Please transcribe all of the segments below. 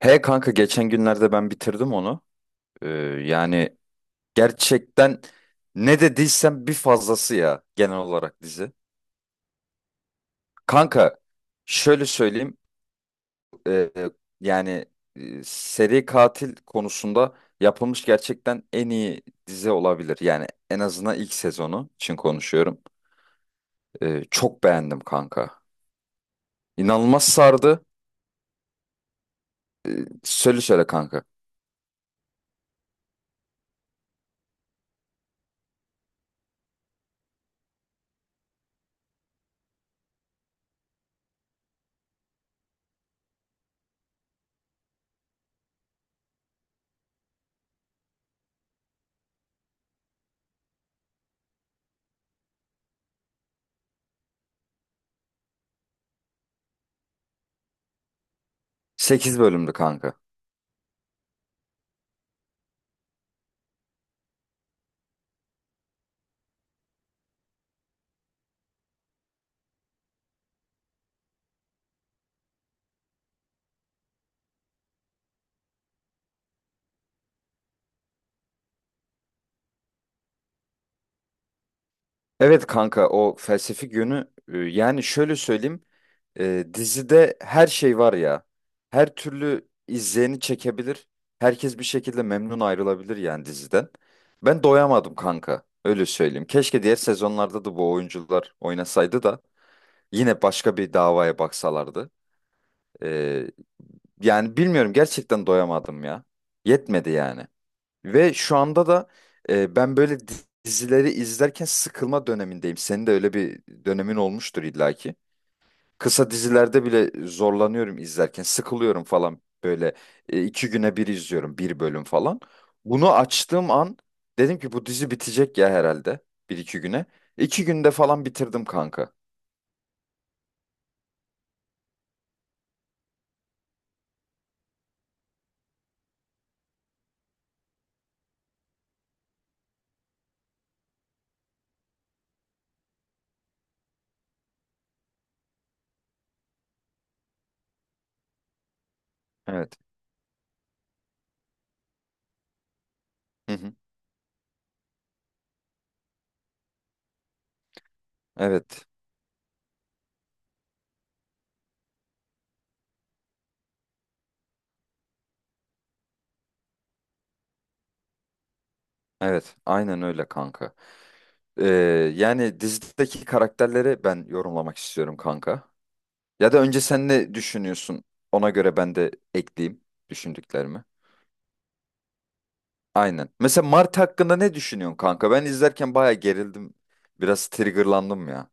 He kanka geçen günlerde ben bitirdim onu. Ee, Yani gerçekten ne dediysem bir fazlası ya genel olarak dizi. Kanka şöyle söyleyeyim ee, yani seri katil konusunda yapılmış gerçekten en iyi dizi olabilir. Yani en azından ilk sezonu için konuşuyorum. Çok beğendim kanka. İnanılmaz sardı. Söyle söyle kanka. Sekiz bölümdü kanka. Evet kanka o felsefik yönü yani şöyle söyleyeyim dizide her şey var ya, her türlü izleyeni çekebilir, herkes bir şekilde memnun ayrılabilir yani diziden. Ben doyamadım kanka, öyle söyleyeyim. Keşke diğer sezonlarda da bu oyuncular oynasaydı da yine başka bir davaya baksalardı. E, Yani bilmiyorum, gerçekten doyamadım ya, yetmedi yani. Ve şu anda da ben böyle dizileri izlerken sıkılma dönemindeyim. Senin de öyle bir dönemin olmuştur illaki. Kısa dizilerde bile zorlanıyorum izlerken. Sıkılıyorum falan böyle, iki güne bir izliyorum bir bölüm falan. Bunu açtığım an dedim ki bu dizi bitecek ya herhalde bir iki güne. İki günde falan bitirdim kanka. Evet. Hı hı. Evet. Evet. Aynen öyle kanka. Ee, Yani dizideki karakterleri ben yorumlamak istiyorum kanka. Ya da önce sen ne düşünüyorsun? Ona göre ben de ekleyeyim düşündüklerimi. Aynen. Mesela Mart hakkında ne düşünüyorsun kanka? Ben izlerken bayağı gerildim. Biraz triggerlandım ya.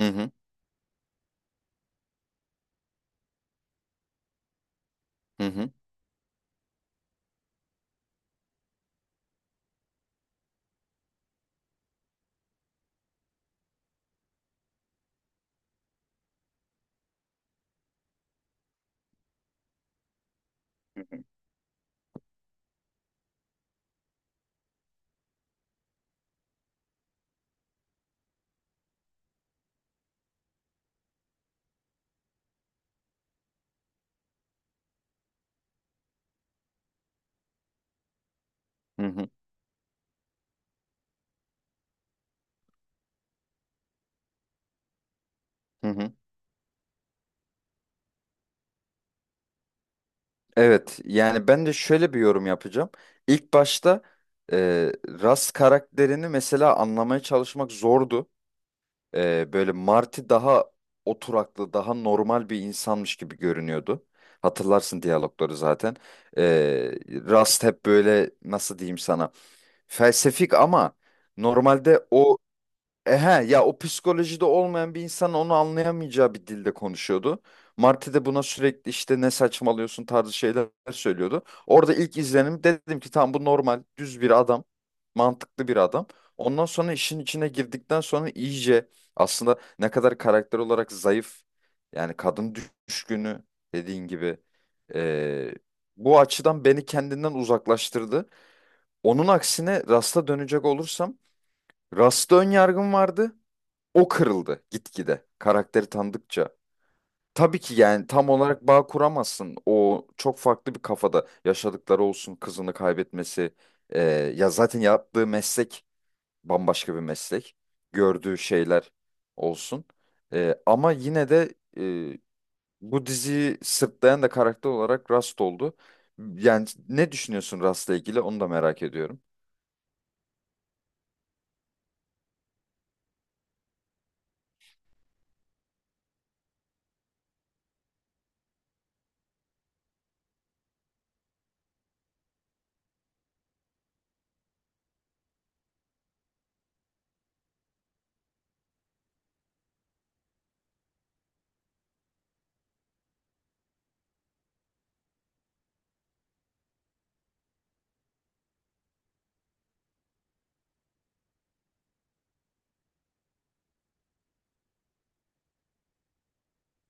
Hı hı. Hı hı. Hı hı. Hı hı, hı hı. Evet, yani ben de şöyle bir yorum yapacağım. İlk başta Ras karakterini mesela anlamaya çalışmak zordu. Böyle Marty daha oturaklı, daha normal bir insanmış gibi görünüyordu. Hatırlarsın diyalogları zaten. Rust hep böyle, nasıl diyeyim sana? Felsefik, ama normalde o ya o psikolojide olmayan bir insan onu anlayamayacağı bir dilde konuşuyordu. Marty de buna sürekli işte ne saçmalıyorsun tarzı şeyler söylüyordu. Orada ilk izlenim dedim ki tamam, bu normal düz bir adam. Mantıklı bir adam. Ondan sonra işin içine girdikten sonra iyice aslında ne kadar karakter olarak zayıf, yani kadın düşkünü, dediğin gibi, e, bu açıdan beni kendinden uzaklaştırdı. Onun aksine Rast'a dönecek olursam, Rast'a ön yargım vardı, o kırıldı gitgide karakteri tanıdıkça. Tabii ki yani tam olarak bağ kuramazsın. O çok farklı bir kafada, yaşadıkları olsun, kızını kaybetmesi. Ee, Ya zaten yaptığı meslek bambaşka bir meslek. Gördüğü şeyler olsun. Ama yine de bu diziyi sırtlayan da karakter olarak Rust oldu. Yani ne düşünüyorsun Rust'la ilgili, onu da merak ediyorum.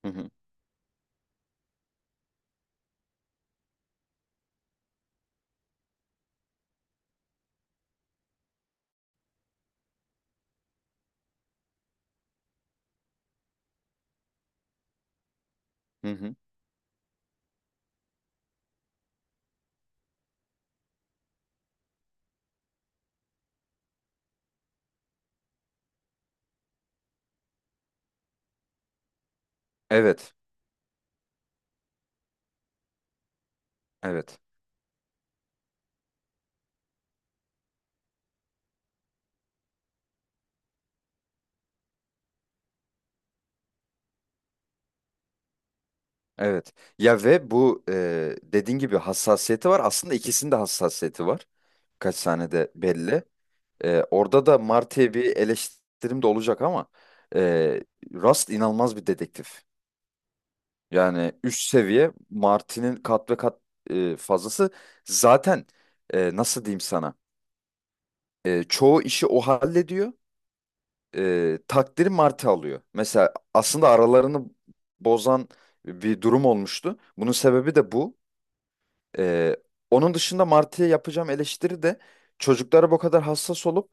Hı hı. Hı hı. Evet. Evet. Evet. Ya ve bu, dediğin gibi, hassasiyeti var. Aslında ikisinin de hassasiyeti var. Kaç sahnede belli. Orada da Marty'ye bir eleştirim de olacak, ama e, Rust inanılmaz bir dedektif. Yani üst seviye, Marty'nin kat ve kat fazlası. Zaten, nasıl diyeyim sana? Çoğu işi o hallediyor. Takdiri Marty alıyor. Mesela aslında aralarını bozan bir durum olmuştu. Bunun sebebi de bu. Ee, Onun dışında Martı'ya yapacağım eleştiri de çocuklara bu kadar hassas olup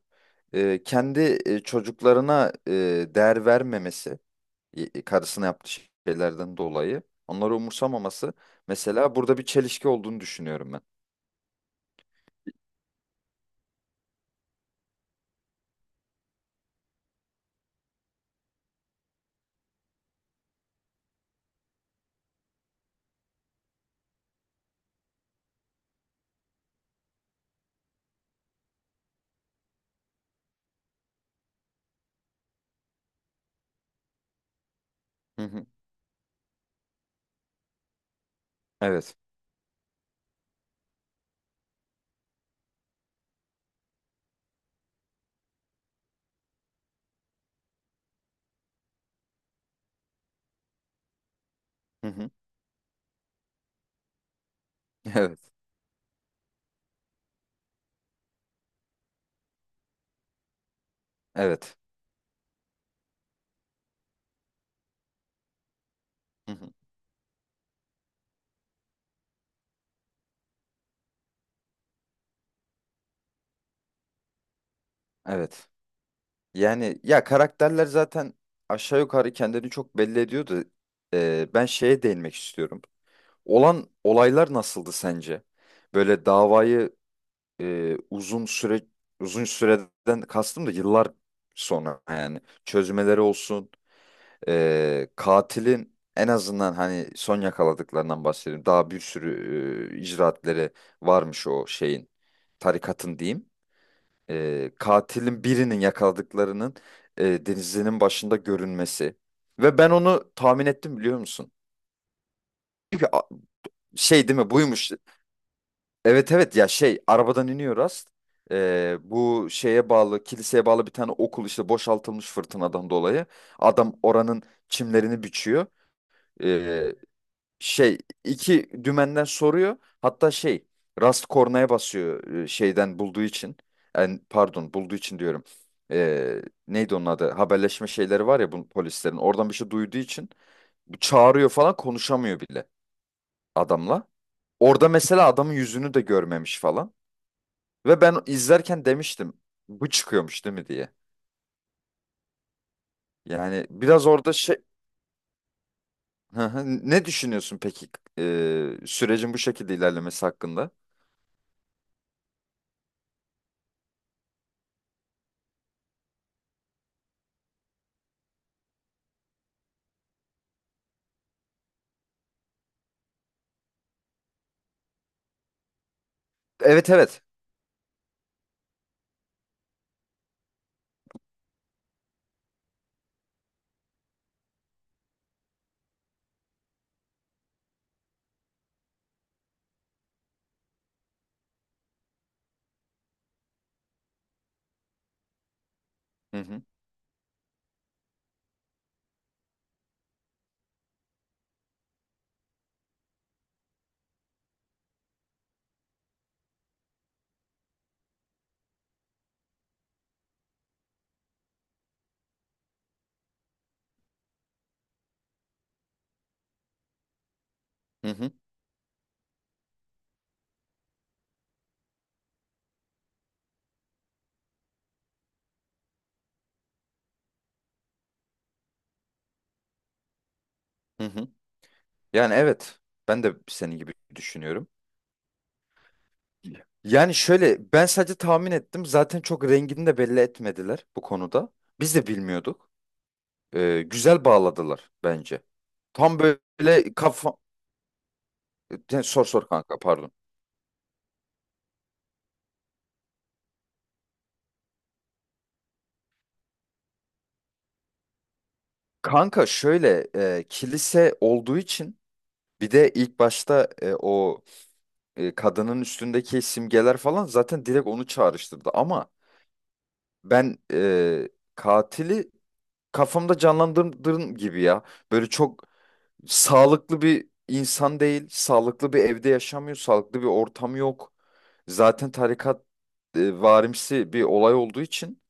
kendi çocuklarına değer vermemesi, karısına yaptığı şeylerden dolayı onları umursamaması, mesela burada bir çelişki olduğunu düşünüyorum ben. Hı hı. Evet. Hı hı. Evet. Evet. Hı hı. Evet. Yani ya, karakterler zaten aşağı yukarı kendini çok belli ediyordu. Ben şeye değinmek istiyorum. Olan olaylar nasıldı sence? Böyle davayı e, uzun süre uzun süreden kastım da yıllar sonra yani çözmeleri olsun, katilin en azından, hani son yakaladıklarından bahsedeyim, daha bir sürü icraatleri varmış o şeyin, tarikatın diyeyim. Katilin birinin yakaladıklarının denizinin başında görünmesi, ve ben onu tahmin ettim, biliyor musun? Çünkü şey, değil mi, buymuş. Evet evet, ya şey, arabadan iniyor Rast. Bu şeye bağlı, kiliseye bağlı bir tane okul işte boşaltılmış fırtınadan dolayı. Adam oranın çimlerini biçiyor. Ee, Şey, iki dümenden soruyor. Hatta şey, Rast kornaya basıyor şeyden bulduğu için. Yani pardon, bulduğu için diyorum. Ee, Neydi onun adı? Haberleşme şeyleri var ya bu polislerin. Oradan bir şey duyduğu için bu çağırıyor falan, konuşamıyor bile adamla. Orada mesela adamın yüzünü de görmemiş falan. Ve ben izlerken demiştim bu çıkıyormuş değil mi diye. Yani biraz orada şey. Hı hı. Ne düşünüyorsun peki sürecin bu şekilde ilerlemesi hakkında? Evet evet. Hı hı. Hı hı. Hı hı. Yani evet, ben de senin gibi düşünüyorum. Yani şöyle, ben sadece tahmin ettim, zaten çok rengini de belli etmediler bu konuda. Biz de bilmiyorduk. E, güzel bağladılar bence. Tam böyle kafa... Yani sor sor kanka, pardon. Kanka şöyle, kilise olduğu için, bir de ilk başta o kadının üstündeki simgeler falan zaten direkt onu çağrıştırdı. Ama ben katili kafamda canlandırdığım gibi ya. Böyle çok sağlıklı bir insan değil, sağlıklı bir evde yaşamıyor, sağlıklı bir ortam yok. Zaten tarikat varimsi bir olay olduğu için,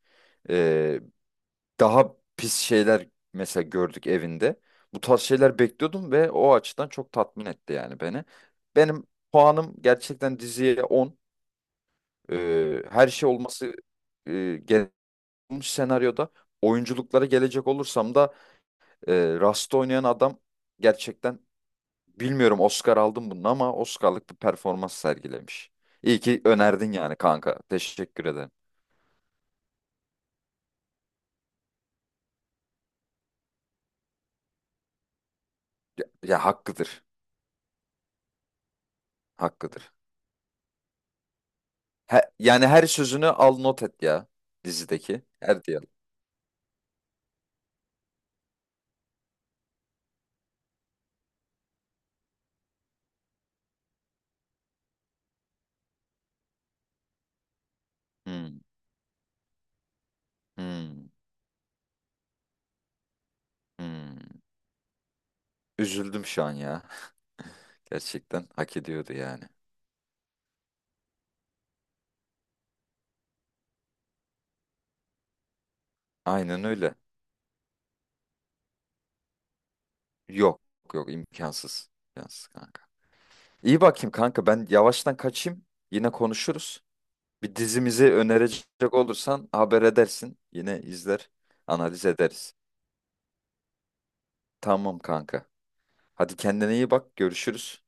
daha pis şeyler mesela gördük evinde. Bu tarz şeyler bekliyordum ve o açıdan çok tatmin etti yani beni. Benim puanım gerçekten diziye 10. Her şey olması e, gel- olmuş senaryoda. Oyunculuklara gelecek olursam da, e, Rust'ta oynayan adam gerçekten, bilmiyorum Oscar aldım bunun ama, Oscar'lık bir performans sergilemiş. İyi ki önerdin yani kanka. Teşekkür ederim. Ya, ya hakkıdır. Hakkıdır. He, yani her sözünü al not et ya dizideki. Her diyalog. Hmm, hmm, hmm. Üzüldüm şu an ya. Gerçekten hak ediyordu yani. Aynen öyle. Yok yok, imkansız. İmkansız kanka. İyi, bakayım kanka, ben yavaştan kaçayım. Yine konuşuruz. Bir dizimizi önerecek olursan haber edersin. Yine izler, analiz ederiz. Tamam kanka. Hadi, kendine iyi bak. Görüşürüz.